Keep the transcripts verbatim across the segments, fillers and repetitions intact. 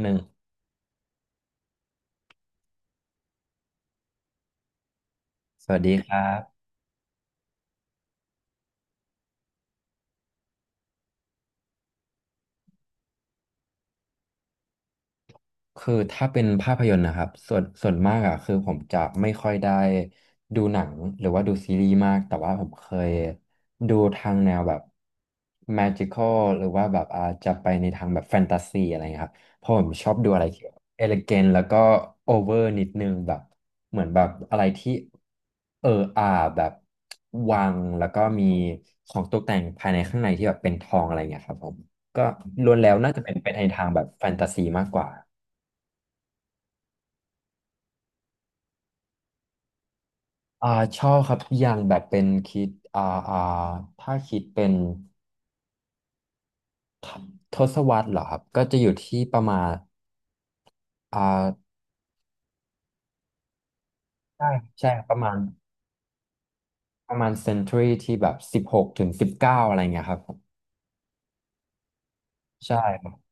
หนึ่งสวัสดีครับ คือถ้าเป็นภาพยนตร์นะครับส่วนส่วนมากอ่ะคือผมจะไม่ค่อยได้ดูหนังหรือว่าดูซีรีส์มากแต่ว่าผมเคยดูทางแนวแบบ magical หรือว่าแบบอาจจะไปในทางแบบแฟนตาซีอะไรเงี้ยครับเพราะผมชอบดูอะไรทเี่ยวเอลิเกนแล้วก็โอเวอร์นิดนึงแบบเหมือนแบบอะไรที่เอออาแบบวังแล้วก็มีของตกแต่งภายในข้างในที่แบบเป็นทองอะไรเงี้ยครับผมก็ล้วนแล้วน่าจะเป็นไปในทางแบบแฟนตาซีมากกว่า อ่าชอบครับอย่างแบบเป็นคิดอ่าอ่าถ้าคิดเป็นทศวรรษเหรอครับก็จะอยู่ที่ประมาณอ่าใช่ใช่ประมาณประมาณเซนตรีที่แบบสิบหกถึงสิบเก้าอะไรเงี้ยครับผมใช่ครับ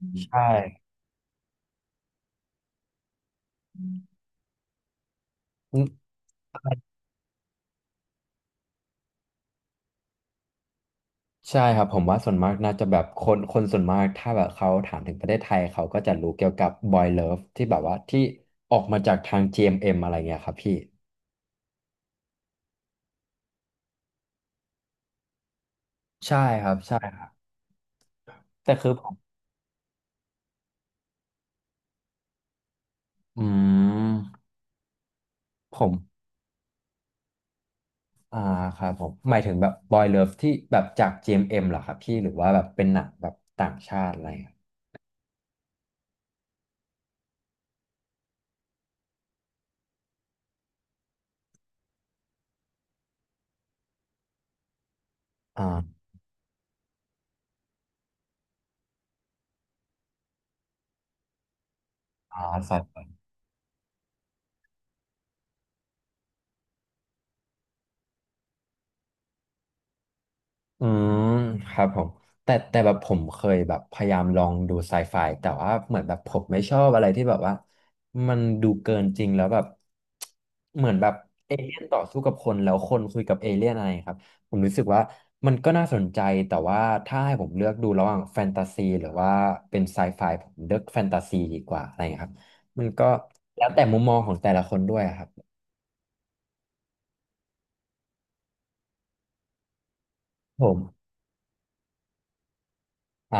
ใช่อืมใช่ครับผมว่าส่วนมากน่าจะแบบคนคนส่วนมากถ้าแบบเขาถามถึงประเทศไทยเขาก็จะรู้เกี่ยวกับ Boy Love ที่แบบว่าที่ออกมาจากทาง จี เอ็ม เอ็ม อมเอ็มอะไรเงี้ยครับพี่ใช่ครับใช่ครับแต่คือผมอืมผม อ่าครับผมหมายถึงแบบบอยเลิฟที่แบบจาก จี เอ็ม เอ็ม เอ็มเอ็มเหรอครับพี่หรือว่าแบบเป็นหนังแบบต่างชาติอะไรอ่ะอ่าอ่าครับ อืมครับผมแต่แต่แบบผมเคยแบบพยายามลองดูไซไฟแต่ว่าเหมือนแบบผมไม่ชอบอะไรที่แบบว่ามันดูเกินจริงแล้วแบบเหมือนแบบเอเลี่ยนต่อสู้กับคนแล้วคนคุยกับเอเลี่ยนอะไรครับผมรู้สึกว่ามันก็น่าสนใจแต่ว่าถ้าให้ผมเลือกดูระหว่างแฟนตาซีหรือว่าเป็นไซไฟผมเลือกแฟนตาซีดีกว่าอะไรครับมันก็แล้วแต่มุมมองของแต่ละคนด้วยอะครับผม อ่า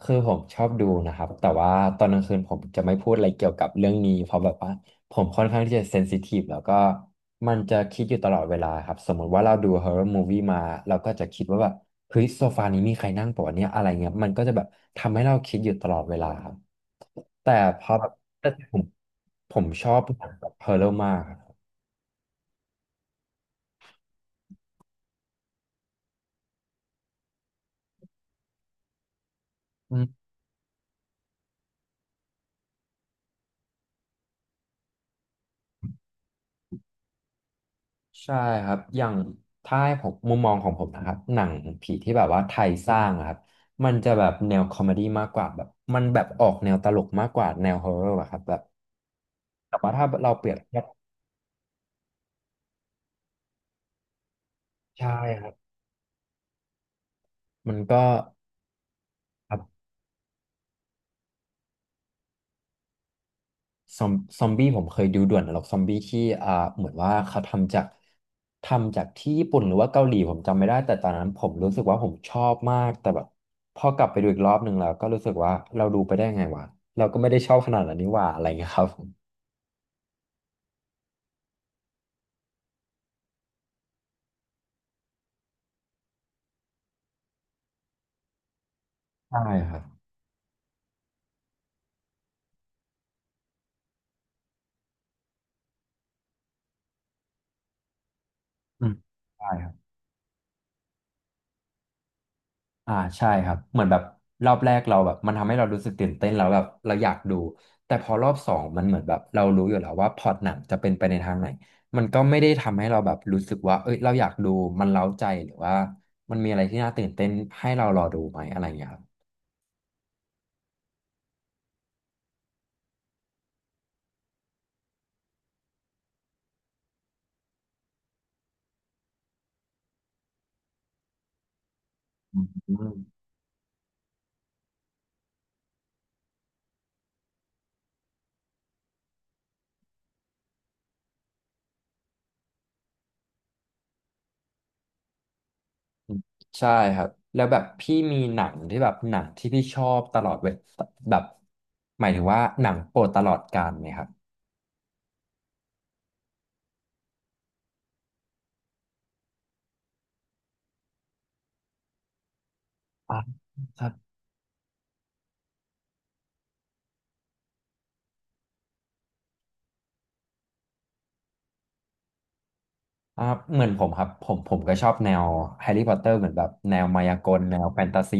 คือผมชอบดูนะครับแต่ว่าตอนกลางคืนผมจะไม่พูดอะไรเกี่ยวกับเรื่องนี้เพราะแบบว่าผมค่อนข้างที่จะเซนซิทีฟแล้วก็มันจะคิดอยู่ตลอดเวลาครับสมมติว่าเราดูฮอ r ์ o ร r m มู i วี่มาเราก็จะคิดว่าแบบเฮ้ยโซฟานี้มีใครนั่งปะวะเนี่ยอะไรเงี้ยมันก็จะแบบทำให้เราคิดอยู่ตลอดเวลาครับแต่พอแบบแต่ผมผมชอบหนังแบบฮอร์เรมากครับ ใช่ครับ อย่างถ้าให้ผมมุมมองของผมนะครับหนังผีที่แบบว่าไทยสร้างอะครับมันจะแบบแนวคอมเมดี้มากกว่าแบบมันแบบออกแนวตลกมากกว่าแนวฮอร์เรอร์อะครับแบบแต่ว่าถ้าเราเปรียบเทียบใช่ครับมันก็ ซอมซอมบี้ผมเคยดูด่วนนรกซอมบี้ที่อ่าเหมือนว่าเขาทำจากทำจากที่ญี่ปุ่นหรือว่าเกาหลีผมจำไม่ได้แต่ตอนนั้นผมรู้สึกว่าผมชอบมากแต่แบบพอกลับไปดูอีกรอบหนึ่งแล้วก็รู้สึกว่าเราดูไปได้ไงวะเราก็ไม่ได้ชอบขนาดนั้นนี่หว่าอะไรเงี้ยครับผมใช่ครับอืมใช่ครับ อ่าใช่ครับเหมือนแบบรอบแรกเราแบบมันทำให้เรารู้สึกตื่นเต้นแล้วแบบเราอยากดูแต่พอรอบสองมันเหมือนแบบเรารู้อยู่แล้วว่าพล็อตหนังจะเป็นไปในทางไหนมันก็ไม่ได้ทำให้เราแบบรู้สึกว่าเอ้ยเราอยากดูมันเร้าใจหรือว่ามันมีอะไรที่น่าตื่นเต้นให้เรารอดูไหมอะไรอย่างเงี้ยครับอืมใช่ครับแล้วแบบพี่มีหนังที่แบบหนังที่พี่ชอบตลอดเวแบบหมายถึงว่าหนังโปรดตลอดกาลไหมครับอ่า อ่าเหมือนผมครับผมผมก็ชอบแนวแฮร์รี่พอตเตอร์เหมือนแบบแนวมายากลแนวแฟนตาซี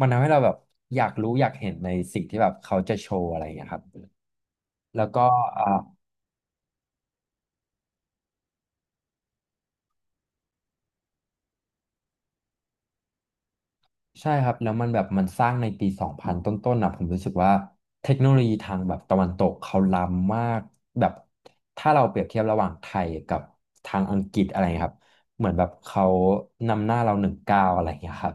มันทำให้เราแบบอยากรู้อยากเห็นในสิ่งที่แบบเขาจะโชว์อะไรอย่างเงี้ยครับแล้วก็อ่าใช่ครับแล้วมันแบบมันสร้างในปีสองพันต้นๆนะผมรู้สึกว่าเทคโนโลยีทางแบบตะวันตกเขาล้ำมากแบบถ้าเราเปรียบเทียบระหว่างไทยกับทางอังกฤษอะไรครับเหมือนแบบเขานำหน้าเราหนึ่งก้าวอะไรอย่างเงี้ยครับ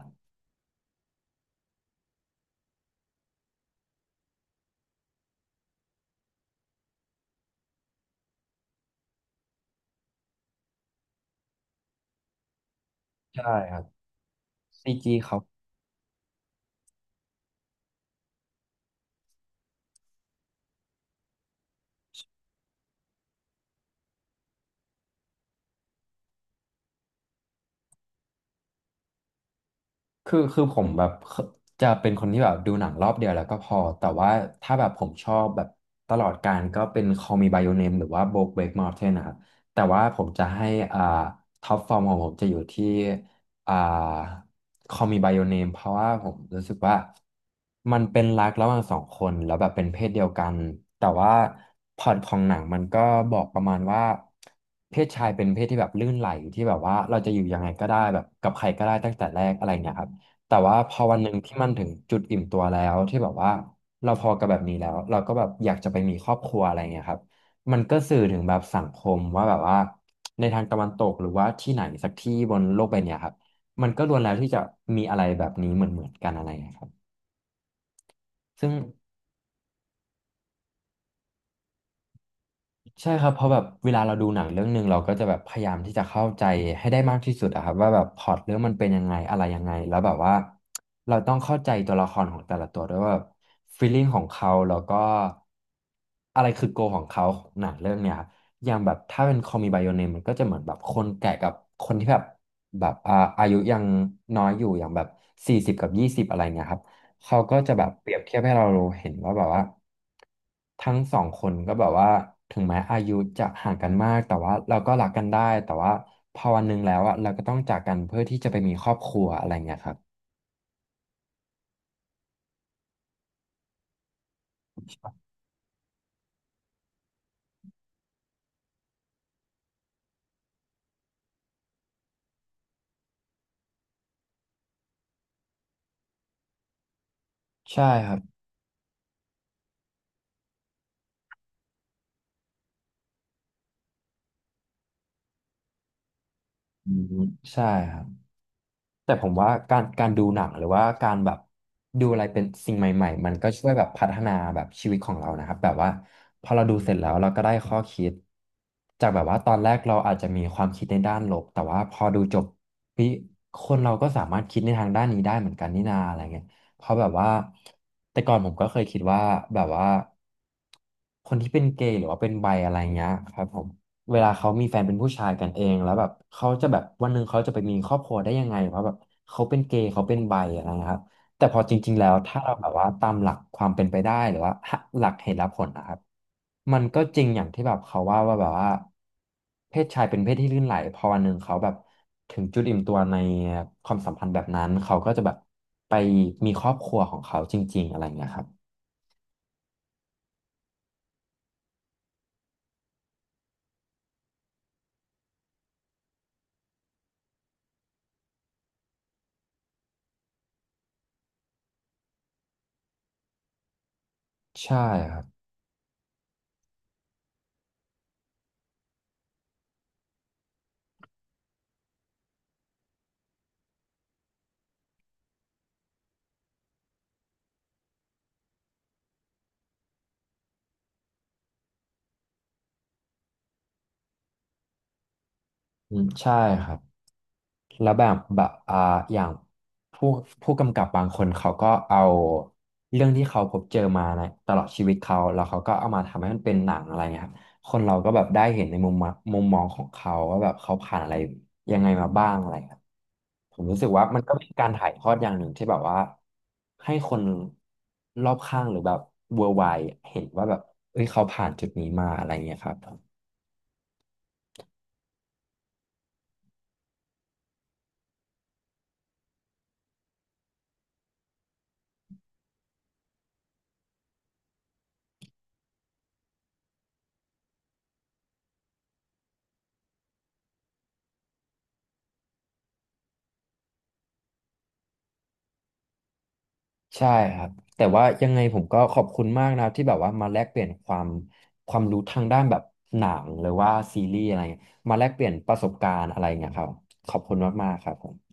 ใช่ครับซีจีเขา คือคือผมแบบเคจะเป็นคนที่แบบดูหนังรอบเดียวแล้วก็พอแต่ว่าถ้าแบบผมชอบแบบตลอดกาลก็เป็น Call Me by Your Name หรือว่า BoJack Mountain นะครับแต่ว่าผมจะให้อ่าท็อปฟอร์มของผมจะอยู่ที่อ่า Call Me by Your Name เพราะว่าผมรู้สึกว่ามันเป็นรักระหว่างสองคนแล้วแบบเป็นเพศเดียวกันแต่ว่าพล็อตของหนังมันก็บอกประมาณว่าเพศชายเป็นเพศที่แบบลื่นไหลที่แบบว่าเราจะอยู่ยังไงก็ได้แบบกับใครก็ได้ตั้งแต่แรกอะไรเงี้ยครับ แต่ว่าพอวันหนึ่งที่มันถึงจุดอิ่มตัวแล้วที่แบบว่าเราพอกับแบบนี้แล้วเราก็แบบอยากจะไปมีครอบครัวอะไรเงี้ยครับมันก็สื่อถึงแบบสังคมว่าแบบว่าในทางตะวันตกหรือว่าที่ไหนสักที่บนโลกใบเนี้ยครับมันก็ล้วนแล้วที่จะมีอะไรแบบนี้เหมือนเหมือนกันอะไรเงี้ยครับซึ่ง ใช่ครับเพราะแบบเวลาเราดูหนังเรื่องหนึ่งเราก็จะแบบพยายามที่จะเข้าใจให้ได้มากที่สุดอะครับว่าแบบพล็อตเรื่องมันเป็นยังไงอะไรยังไงแล้วแบบว่าเราต้องเข้าใจตัวละครของแต่ละตัวด้วยว่าฟีลลิ่งของเขาแล้วก็อะไรคือโกของเขาของหนังเรื่องเนี้ยครับอย่างแบบถ้าเป็นคอมีไบโอเนมมันก็จะเหมือนแบบคนแก่กับคนที่แบบแบบอ่าอายุยังน้อยอยู่อย่างแบบสี่สิบกับยี่สิบอะไรเงี้ยครับ เขาก็จะแบบเปรียบเทียบให้เราเห็นว่าแบบว่าทั้งสองคนก็แบบว่าถึงแม้อายุจะห่างกันมากแต่ว่าเราก็รักกันได้แต่ว่าพอวันหนึ่งแล้วอะเราก็ต้องจากกันเพื่อที่จะไปมีครอบครัวอะไรเงี้ยครับใช่ครับอืมใช่ครับ แต่ผมว่าการการดูหนังหรือว่าการแบบดูอะไรเป็นสิ่งใหม่ๆมันก็ช่วยแบบพัฒนาแบบชีวิตของเรานะครับแบบว่าพอเราดูเสร็จแล้วเราก็ได้ข้อคิดจากแบบว่าตอนแรกเราอาจจะมีความคิดในด้านลบแต่ว่าพอดูจบพี่คนเราก็สามารถคิดในทางด้านนี้ได้เหมือนกันนี่นาอะไรเงี้ยเพราะแบบว่าแต่ก่อนผมก็เคยคิดว่าแบบว่าคนที่เป็นเกย์หรือว่าเป็นไบอะไรเงี้ยครับผม เวลาเขามีแฟนเป็นผู้ชายกันเองแล้วแบบเขาจะแบบวันหนึ่งเขาจะไปมีครอบครัวได้ยังไงเพราะแบบเขาเป็นเกย์เขาเป็นไบอะไรนะครับแต่พอจริงๆแล้วถ้าเราแบบว่าตามหลักความเป็นไปได้หรือว่าหลักเหตุและผลนะครับมันก็จริงอย่างที่แบบเขาว่าว่าแบบว่าเพศชายเป็นเพศที่ลื่นไหลพอวันหนึ่งเขาแบบถึงจุดอิ่มตัวในความสัมพันธ์แบบนั้นเขาก็จะแบบไปมีครอบครัวของเขาจริงๆอะไรอย่างเงี้ยครับใช่ครับอืมใช่ครับ แล้วแบบแบบอ่าอย่างผู้ผู้กำกับบางคนเขาก็เอาเรื่องที่เขาพบเจอมาในตลอดชีวิตเขาแล้วเขาก็เอามาทำให้มันเป็นหนังอะไรเงี้ยครับคนเราก็แบบได้เห็นในมุมมองมุมมองของเขาว่าแบบเขาผ่านอะไรยังไงมาบ้างอะไรครับผมรู้สึกว่ามันก็เป็นการถ่ายทอดอย่างหนึ่งที่แบบว่าให้คนรอบข้างหรือแบบ เวิลด์ไวด์ เห็นว่าแบบเอ้ยเขาผ่านจุดนี้มาอะไรเงี้ยครับ ใช่ครับแต่ว่ายังไงผมก็ขอบคุณมากนะครับที่แบบว่ามาแลกเปลี่ยนความความรู้ทางด้านแบบหนังหรือว่าซีรีส์อะไรเงี้ยมาแลกเปลี่ยนประสบการณ์อะไรเงี้ยครับขอบคุณมากๆครับผม